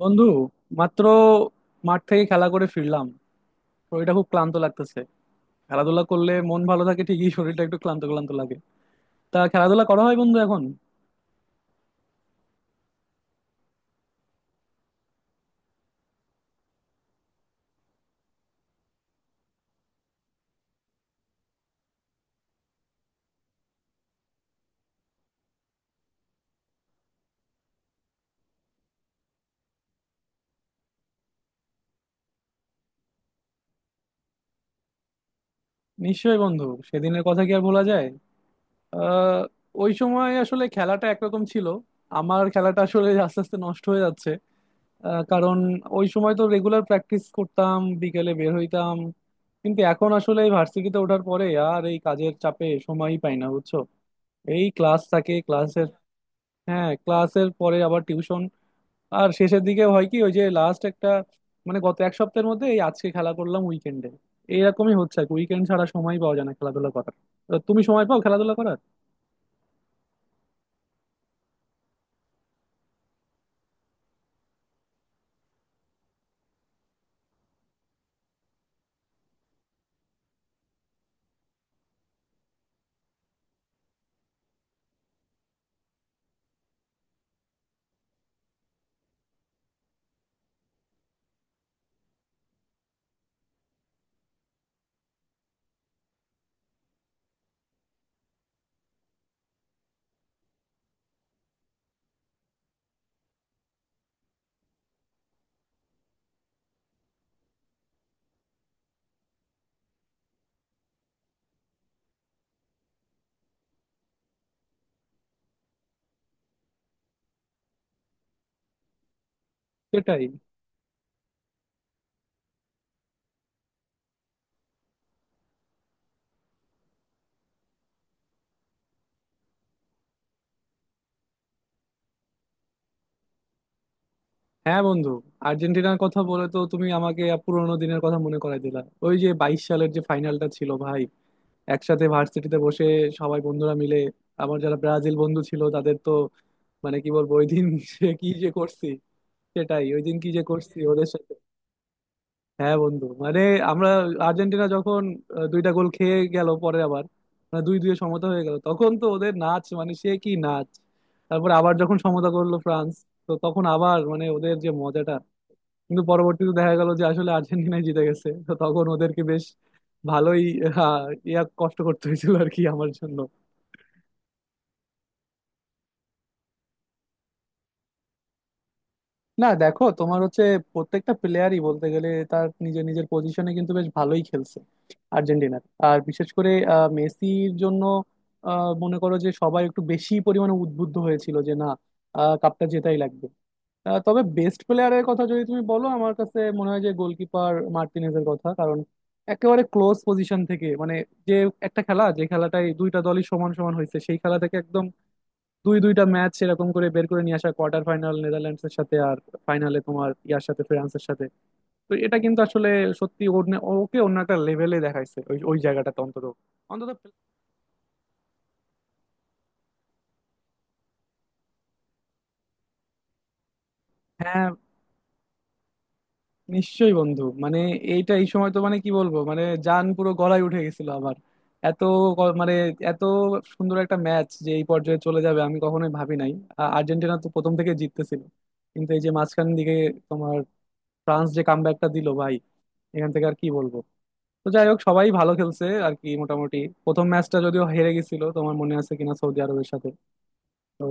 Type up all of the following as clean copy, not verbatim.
বন্ধু মাত্র মাঠ থেকে খেলা করে ফিরলাম। শরীরটা খুব ক্লান্ত লাগতেছে। খেলাধুলা করলে মন ভালো থাকে ঠিকই, শরীরটা একটু ক্লান্ত ক্লান্ত লাগে। তা খেলাধুলা করা হয় বন্ধু এখন? নিশ্চয়ই বন্ধু, সেদিনের কথা কি আর ভোলা যায়? আহ ওই সময় আসলে খেলাটা একরকম ছিল। আমার খেলাটা আসলে আস্তে আস্তে নষ্ট হয়ে যাচ্ছে কারণ ওই সময় তো রেগুলার প্র্যাকটিস করতাম, বিকেলে বের হইতাম। কিন্তু এখন আসলে এই ভার্সিটিতে ওঠার পরে আর এই কাজের চাপে সময়ই পাই না, বুঝছো? এই ক্লাস, হ্যাঁ, ক্লাসের পরে আবার টিউশন। আর শেষের দিকে হয় কি, ওই যে লাস্ট একটা মানে গত এক সপ্তাহের মধ্যে এই আজকে খেলা করলাম উইকেন্ডে। এইরকমই হচ্ছে আর কি। উইকেন্ড ছাড়া সময় পাওয়া যায় না খেলাধুলা করার। তো তুমি সময় পাও খেলাধুলা করার? সেটাই। হ্যাঁ বন্ধু, আর্জেন্টিনার কথা বলে তো তুমি আমাকে পুরোনো দিনের কথা মনে করাই দিলা। ওই যে 22 সালের যে ফাইনালটা ছিল ভাই, একসাথে ভার্সিটিতে বসে সবাই বন্ধুরা মিলে। আমার যারা ব্রাজিল বন্ধু ছিল তাদের তো মানে কি বলবো, ওই দিন সে কি যে করছি। সেটাই, ওই দিন কি যে করছি ওদের সাথে। হ্যাঁ বন্ধু, মানে আমরা আর্জেন্টিনা যখন দুইটা গোল খেয়ে গেল পরে আবার মানে 2-2 সমতা হয়ে গেল, তখন তো ওদের নাচ, মানে সে কি নাচ! তারপর আবার যখন সমতা করলো ফ্রান্স, তো তখন আবার মানে ওদের যে মজাটা! কিন্তু পরবর্তীতে দেখা গেল যে আসলে আর্জেন্টিনাই জিতে গেছে, তো তখন ওদেরকে বেশ ভালোই আহ, ইয়া কষ্ট করতে হয়েছিল আর কি আমার জন্য। না দেখো, তোমার হচ্ছে প্রত্যেকটা প্লেয়ারই বলতে গেলে তার নিজের নিজের পজিশনে কিন্তু বেশ ভালোই খেলছে আর্জেন্টিনার। আর বিশেষ করে মেসির জন্য মনে করো যে সবাই একটু বেশি পরিমাণে উদ্বুদ্ধ হয়েছিল যে না কাপটা জেতাই লাগবে। তবে বেস্ট প্লেয়ারের কথা যদি তুমি বলো, আমার কাছে মনে হয় যে গোলকিপার মার্টিনেজের কথা। কারণ একেবারে ক্লোজ পজিশন থেকে মানে যে একটা খেলা যে খেলাটাই দুইটা দলই সমান সমান হয়েছে, সেই খেলা থেকে একদম দুই দুইটা ম্যাচ এরকম করে বের করে নিয়ে আসা, কোয়ার্টার ফাইনাল নেদারল্যান্ডস এর সাথে আর ফাইনালে তোমার ইয়ার সাথে, ফ্রান্সের সাথে। তো এটা কিন্তু আসলে সত্যি, ওকে অন্য একটা লেভেলে দেখাইছে ওই ওই জায়গাটাতে অন্তত। অন্তত হ্যাঁ। নিশ্চয়ই বন্ধু, মানে এইটা এই সময় তো মানে কি বলবো, মানে জান পুরো গলায় উঠে গেছিল আমার। এত মানে এত সুন্দর একটা ম্যাচ যে এই পর্যায়ে চলে যাবে আমি কখনোই ভাবি নাই। আর্জেন্টিনা তো প্রথম থেকে জিততেছিল, কিন্তু এই যে মাঝখান দিকে তোমার ফ্রান্স যে কামব্যাকটা দিল ভাই, এখান থেকে আর কি বলবো। তো যাই হোক, সবাই ভালো খেলছে আর কি মোটামুটি। প্রথম ম্যাচটা যদিও হেরে গেছিল, তোমার মনে আছে কিনা সৌদি আরবের সাথে? তো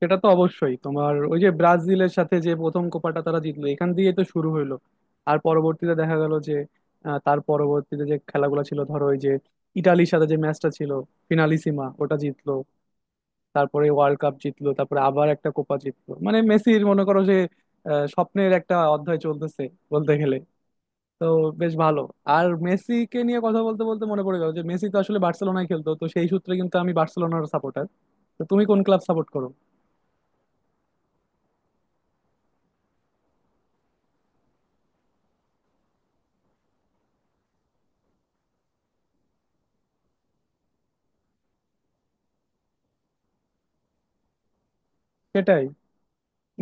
সেটা তো অবশ্যই, তোমার ওই যে ব্রাজিলের সাথে যে প্রথম কোপাটা তারা জিতলো এখান দিয়ে তো শুরু হইলো। আর পরবর্তীতে দেখা গেল যে তার পরবর্তীতে যে খেলাগুলো ছিল, ধরো ওই যে ইটালির সাথে যে ম্যাচটা ছিল ফিনালিসিমা, ওটা জিতলো। তারপরে ওয়ার্ল্ড কাপ জিতলো, তারপরে আবার একটা কোপা জিতলো মানে মেসির মনে করো যে স্বপ্নের একটা অধ্যায় চলতেছে বলতে গেলে। তো বেশ ভালো। আর মেসিকে নিয়ে কথা বলতে বলতে মনে পড়ে গেল যে মেসি তো আসলে বার্সেলোনায় খেলতো, তো সেই সূত্রে কিন্তু আমি বার্সেলোনার সাপোর্টার। তো তুমি কোন ক্লাব সাপোর্ট করো? সেটাই।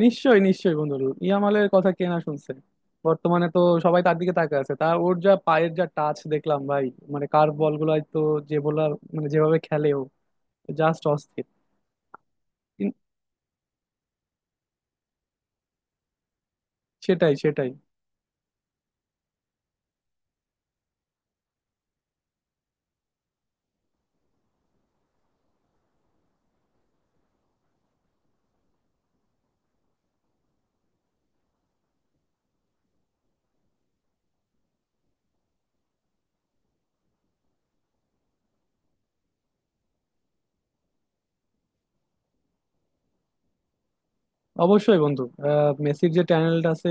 নিশ্চয়ই নিশ্চয়ই বন্ধু, ইয়ামালের কথা কে না শুনছে? বর্তমানে তো সবাই তার দিকে তাকিয়ে আছে। তা ওর যা পায়ের যা টাচ দেখলাম ভাই, মানে কার্ভ বল গুলাই তো যে বোলার মানে যেভাবে খেলে ও, জাস্ট অস্থির। কিন- সেটাই সেটাই। অবশ্যই বন্ধু, মেসির যে ট্যালেন্ট আছে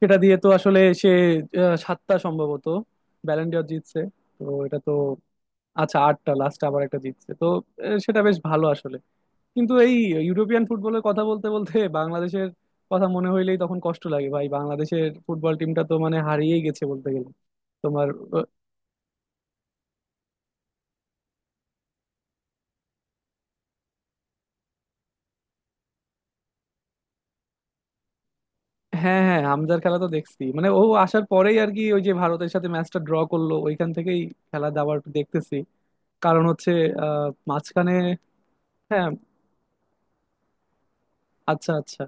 সেটা দিয়ে তো আসলে সে সাতটা সম্ভবত ব্যালেন্ডিয়র জিতছে। তো এটা তো আচ্ছা আটটা, লাস্ট আবার একটা জিতছে তো। সেটা বেশ ভালো আসলে। কিন্তু এই ইউরোপিয়ান ফুটবলের কথা বলতে বলতে বাংলাদেশের কথা মনে হইলেই তখন কষ্ট লাগে ভাই, বাংলাদেশের ফুটবল টিমটা তো মানে হারিয়েই গেছে বলতে গেলে। তোমার আহ, হ্যাঁ হ্যাঁ, হামজার খেলা তো দেখছি মানে ও আসার পরেই আর কি, ওই যে ভারতের সাথে ম্যাচটা ড্র করলো ওইখান থেকেই খেলা দাবার একটু দেখতেছি। কারণ হচ্ছে মাঝখানে হ্যাঁ, আচ্ছা আচ্ছা।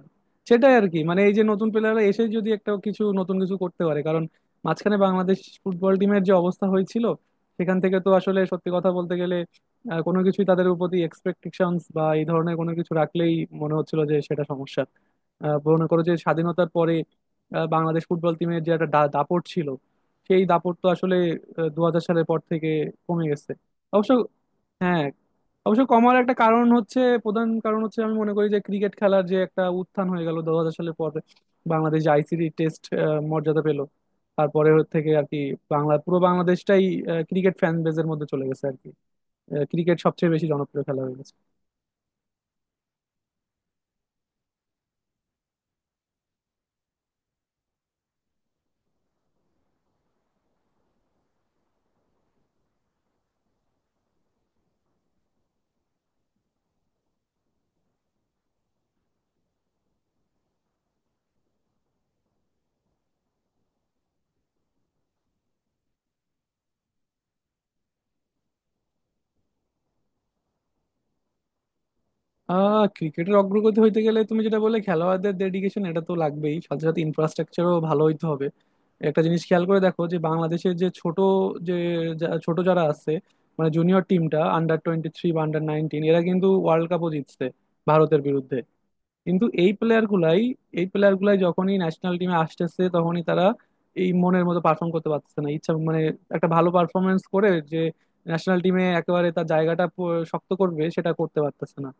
সেটাই আর কি, মানে এই যে নতুন প্লেয়াররা এসে যদি একটা কিছু নতুন কিছু করতে পারে, কারণ মাঝখানে বাংলাদেশ ফুটবল টিমের যে অবস্থা হয়েছিল সেখান থেকে তো আসলে সত্যি কথা বলতে গেলে কোনো কিছুই তাদের প্রতি এক্সপেকটেশনস বা এই ধরনের কোনো কিছু রাখলেই মনে হচ্ছিল যে সেটা সমস্যা। মনে করো যে স্বাধীনতার পরে বাংলাদেশ ফুটবল টিমের যে একটা দাপট ছিল, সেই দাপট তো আসলে 2000 সালের পর থেকে কমে গেছে অবশ্য। হ্যাঁ, অবশ্য কমার একটা কারণ হচ্ছে, প্রধান কারণ হচ্ছে আমি মনে করি যে ক্রিকেট খেলার যে একটা উত্থান হয়ে গেল 2000 সালের পরে। বাংলাদেশ আইসিসি টেস্ট মর্যাদা পেল, তারপরে থেকে আর কি বাংলা পুরো বাংলাদেশটাই ক্রিকেট ফ্যান বেজের মধ্যে চলে গেছে আর কি। ক্রিকেট সবচেয়ে বেশি জনপ্রিয় খেলা হয়ে গেছে। ক্রিকেটের অগ্রগতি হইতে গেলে তুমি যেটা বলে খেলোয়াড়দের ডেডিকেশন, এটা তো লাগবেই, সাথে সাথে ইনফ্রাস্ট্রাকচারও ভালো হইতে হবে। একটা জিনিস খেয়াল করে দেখো যে বাংলাদেশের যে ছোট যে ছোট যারা আছে মানে জুনিয়র টিমটা, আন্ডার 23 বা আন্ডার 19, এরা কিন্তু ওয়ার্ল্ড কাপও জিতছে ভারতের বিরুদ্ধে। কিন্তু এই প্লেয়ার গুলাই যখনই ন্যাশনাল টিমে আসতেছে তখনই তারা এই মনের মতো পারফর্ম করতে পারতেছে না। ইচ্ছা মানে একটা ভালো পারফরমেন্স করে যে ন্যাশনাল টিমে একেবারে তার জায়গাটা শক্ত করবে সেটা করতে পারতেছে না।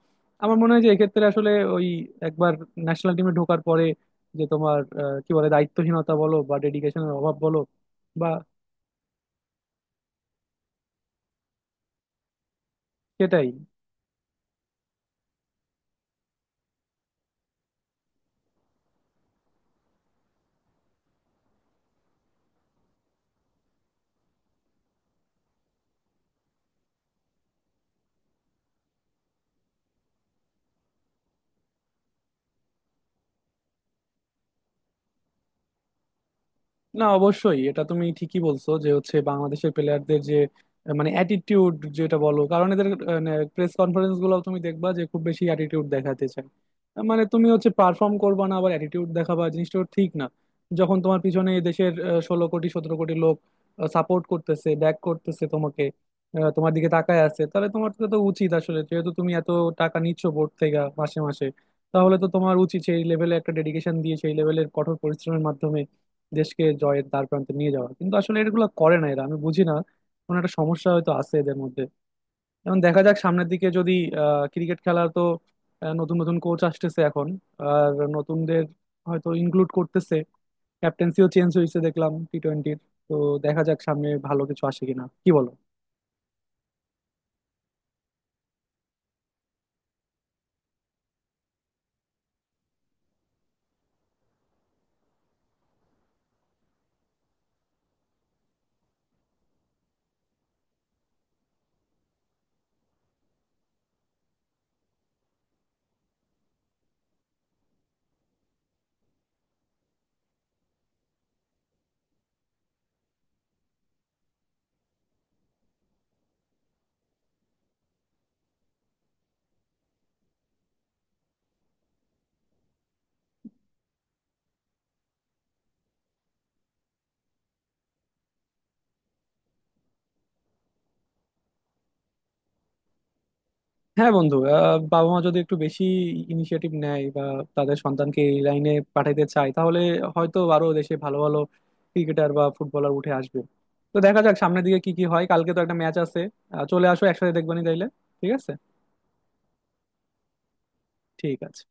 আমার মনে হয় যে এক্ষেত্রে আসলে ওই একবার ন্যাশনাল টিমে ঢোকার পরে যে তোমার কি বলে দায়িত্বহীনতা বলো বা ডেডিকেশনের অভাব বলো বা সেটাই। না অবশ্যই, এটা তুমি ঠিকই বলছো যে হচ্ছে বাংলাদেশের প্লেয়ারদের যে মানে অ্যাটিটিউড যেটা বলো, কারণ এদের প্রেস কনফারেন্স গুলো তুমি দেখবা যে খুব বেশি অ্যাটিটিউড দেখাতে চায়। মানে তুমি হচ্ছে পারফর্ম করবা না আবার অ্যাটিটিউড দেখাবা, জিনিসটা ঠিক না। যখন তোমার পিছনে দেশের 16 কোটি 17 কোটি লোক সাপোর্ট করতেছে, ব্যাক করতেছে তোমাকে, তোমার দিকে তাকায় আছে, তাহলে তোমার তো তো উচিত আসলে যেহেতু তুমি এত টাকা নিচ্ছ বোর্ড থেকে মাসে মাসে, তাহলে তো তোমার উচিত সেই লেভেলে একটা ডেডিকেশন দিয়ে সেই লেভেলের কঠোর পরিশ্রমের মাধ্যমে দেশকে জয়ের দ্বার প্রান্তে নিয়ে যাওয়া। কিন্তু আসলে এগুলো করে না এরা, আমি বুঝি না। কোনো একটা সমস্যা হয়তো আছে এদের মধ্যে। এখন দেখা যাক সামনের দিকে যদি ক্রিকেট খেলা তো নতুন নতুন কোচ আসতেছে এখন, আর নতুনদের হয়তো ইনক্লুড করতেছে। ক্যাপ্টেন্সিও চেঞ্জ হয়েছে দেখলাম টি20-র। তো দেখা যাক সামনে ভালো কিছু আসে কিনা, কি বলো? হ্যাঁ বন্ধু, বাবা মা যদি একটু বেশি ইনিশিয়েটিভ নেয় বা তাদের সন্তানকে এই লাইনে পাঠাতে চায়, তাহলে হয়তো আরো দেশে ভালো ভালো ক্রিকেটার বা ফুটবলার উঠে আসবে। তো দেখা যাক সামনের দিকে কি কি হয়, কালকে তো একটা ম্যাচ আছে। চলে আসো একসাথে দেখবানি তাইলে। ঠিক আছে। ঠিক আছে।